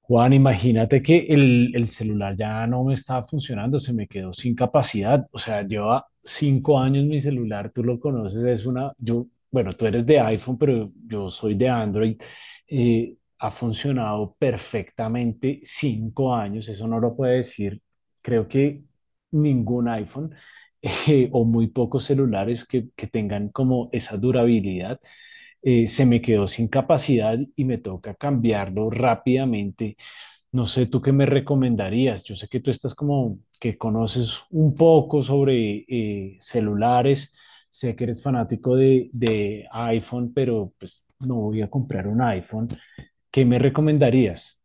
Juan, imagínate que el celular ya no me estaba funcionando, se me quedó sin capacidad. O sea, lleva cinco años mi celular, tú lo conoces, es una, yo, bueno, tú eres de iPhone, pero yo soy de Android. eh, Ha funcionado perfectamente cinco años, eso no lo puede decir, creo que ningún iPhone o muy pocos celulares que tengan como esa durabilidad. Se me quedó sin capacidad y me toca cambiarlo rápidamente. No sé, ¿tú qué me recomendarías? Yo sé que tú estás como que conoces un poco sobre celulares, sé que eres fanático de iPhone, pero pues no voy a comprar un iPhone. ¿Qué me recomendarías?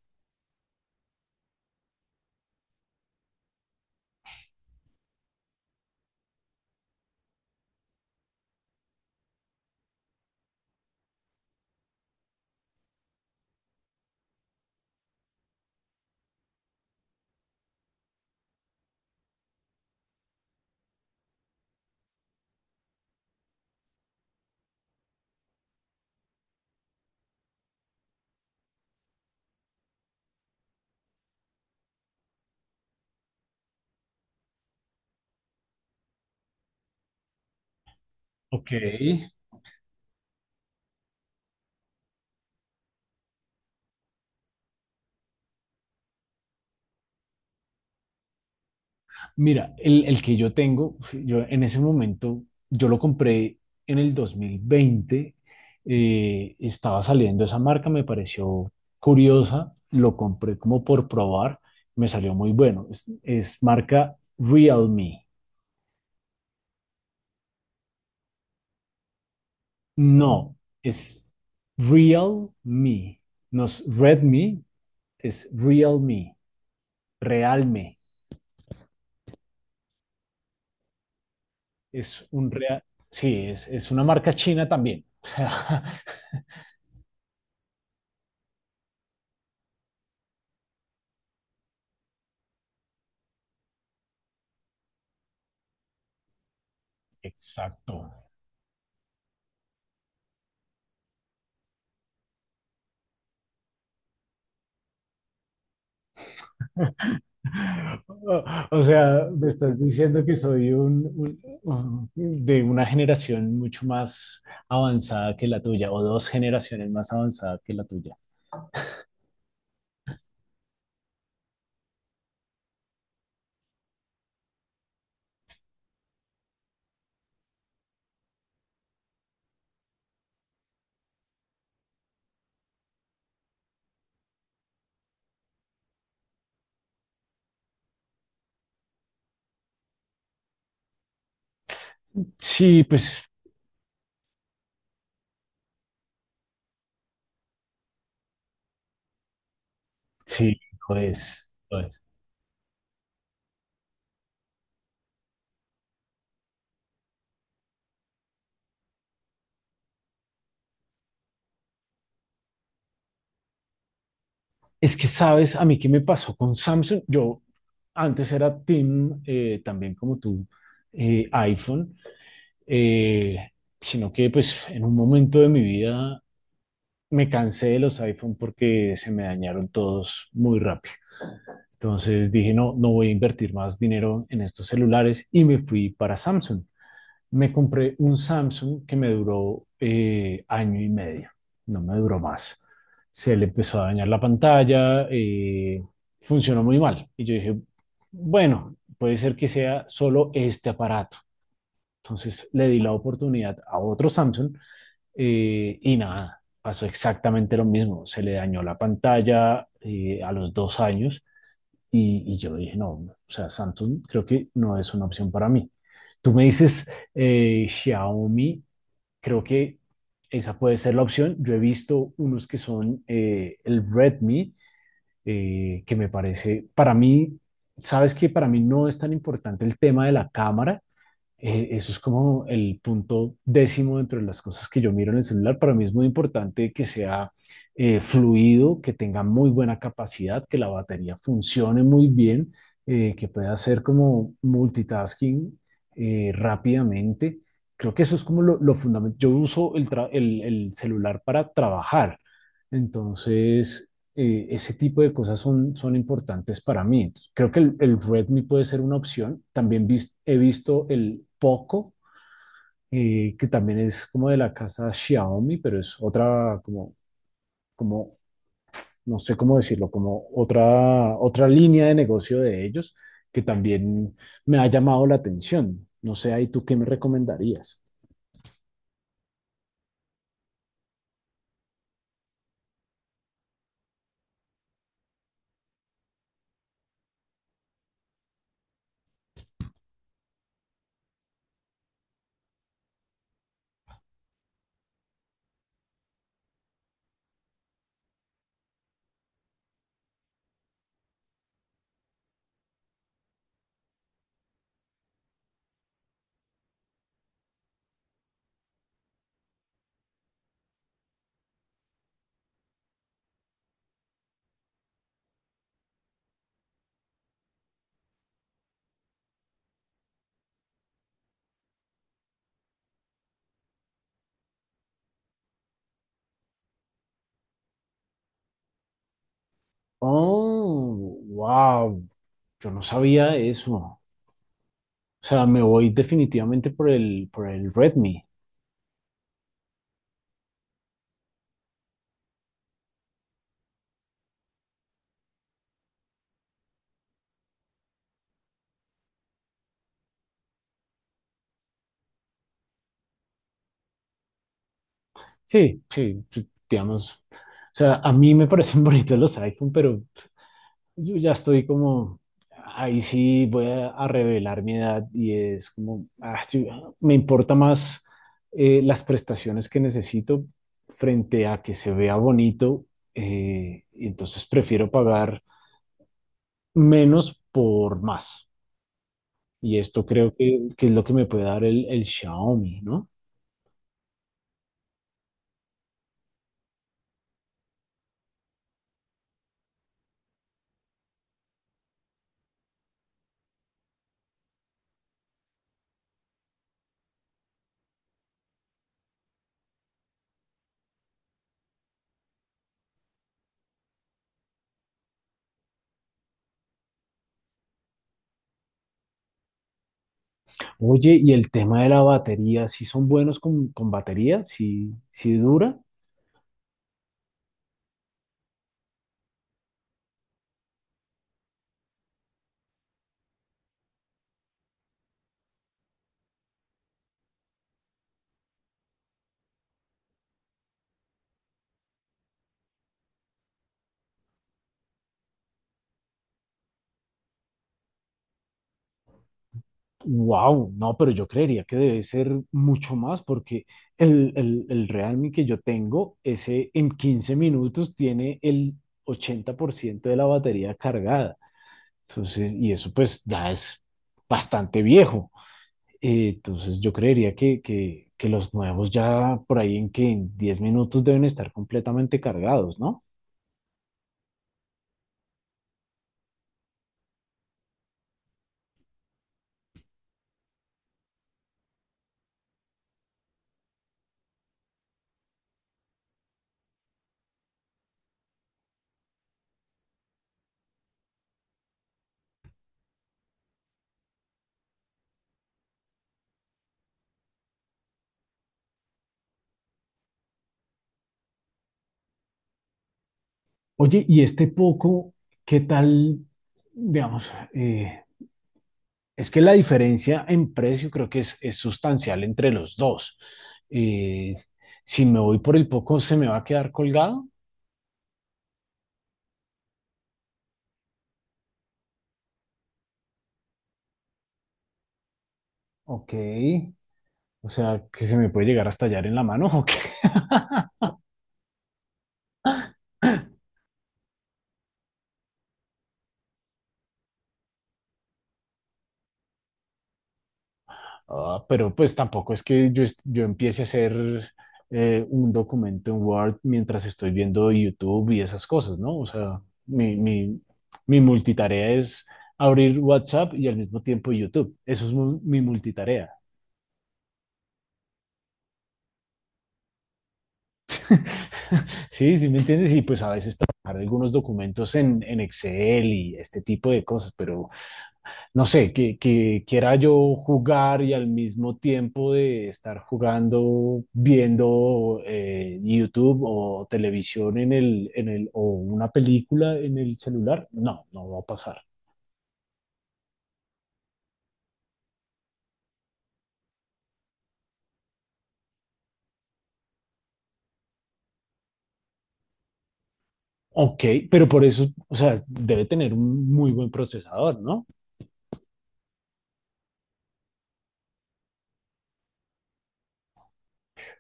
Ok, mira, el que yo tengo, pues, yo en ese momento, yo lo compré en el 2020, estaba saliendo esa marca, me pareció curiosa, lo compré como por probar, me salió muy bueno. Es marca Realme. No, es Realme. No es Redmi, es Realme. Realme. Es un real. Sí, es una marca china también. O sea, exacto. O sea, me estás diciendo que soy de una generación mucho más avanzada que la tuya, o dos generaciones más avanzada que la tuya. Sí, pues sí, pues, pues. Es que sabes, a mí qué me pasó con Samsung. Yo antes era team, también como tú, iPhone, eh, sino que pues en un momento de mi vida me cansé de los iPhone porque se me dañaron todos muy rápido. Entonces dije, no, no voy a invertir más dinero en estos celulares y me fui para Samsung. Me compré un Samsung que me duró año y medio, no me duró más. Se le empezó a dañar la pantalla, funcionó muy mal. Y yo dije, bueno, puede ser que sea solo este aparato. Entonces le di la oportunidad a otro Samsung y nada, pasó exactamente lo mismo. Se le dañó la pantalla a los dos años y yo dije, no, o sea, Samsung creo que no es una opción para mí. Tú me dices Xiaomi, creo que esa puede ser la opción. Yo he visto unos que son el Redmi, que me parece, para mí, sabes que para mí no es tan importante el tema de la cámara, eso es como el punto décimo dentro de las cosas que yo miro en el celular. Para mí es muy importante que sea fluido, que tenga muy buena capacidad, que la batería funcione muy bien, que pueda hacer como multitasking rápidamente. Creo que eso es como lo fundamental. Yo uso el, el celular para trabajar. Entonces, ese tipo de cosas son importantes para mí. Entonces, creo que el Redmi puede ser una opción. También he visto el Poco, que también es como de la casa Xiaomi, pero es otra, como, no sé cómo decirlo, como otra, otra línea de negocio de ellos, que también me ha llamado la atención. No sé, ahí tú qué me recomendarías. Oh, wow. Yo no sabía eso. O sea, me voy definitivamente por el Redmi. Sí, sí, sí, digamos, o sea, a mí me parecen bonitos los iPhone, pero yo ya estoy como, ahí sí voy a revelar mi edad y es como, ah, sí, me importa más las prestaciones que necesito frente a que se vea bonito, y entonces prefiero pagar menos por más. Y esto creo que es lo que me puede dar el Xiaomi, ¿no? Oye, y el tema de la batería, ¿si son buenos con batería? ¿Si dura? Wow, no, pero yo creería que debe ser mucho más porque el Realme que yo tengo, ese en 15 minutos tiene el 80% de la batería cargada. Entonces, y eso pues ya es bastante viejo. Entonces, yo creería que los nuevos ya por ahí en que en 10 minutos deben estar completamente cargados, ¿no? Oye, y este poco, ¿qué tal? Digamos, es que la diferencia en precio creo que es sustancial entre los dos. Eh, si me voy por el poco, ¿se me va a quedar colgado? Ok. O sea, que se me puede llegar a estallar en la mano, ok. Ah, pero pues tampoco es que yo, yo empiece a hacer un documento en Word mientras estoy viendo YouTube y esas cosas, ¿no? O sea, mi, mi, mi multitarea es abrir WhatsApp y al mismo tiempo YouTube. Eso es mi multitarea. Sí, sí, ¿me entiendes? Y pues a veces trabajar algunos documentos en Excel y este tipo de cosas, pero no sé, que quiera yo jugar y al mismo tiempo de estar jugando, viendo YouTube o televisión en el, o una película en el celular, no, no va a pasar. Ok, pero por eso, o sea, debe tener un muy buen procesador, ¿no?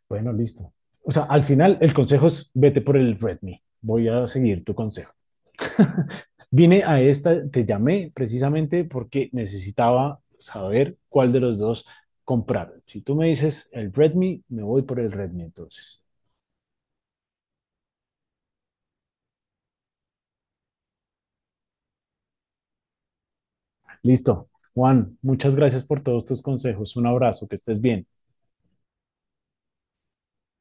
Bueno, listo. O sea, al final el consejo es vete por el Redmi. Voy a seguir tu consejo. Vine a esta, te llamé precisamente porque necesitaba saber cuál de los dos comprar. Si tú me dices el Redmi, me voy por el Redmi entonces. Listo. Juan, muchas gracias por todos tus consejos. Un abrazo, que estés bien.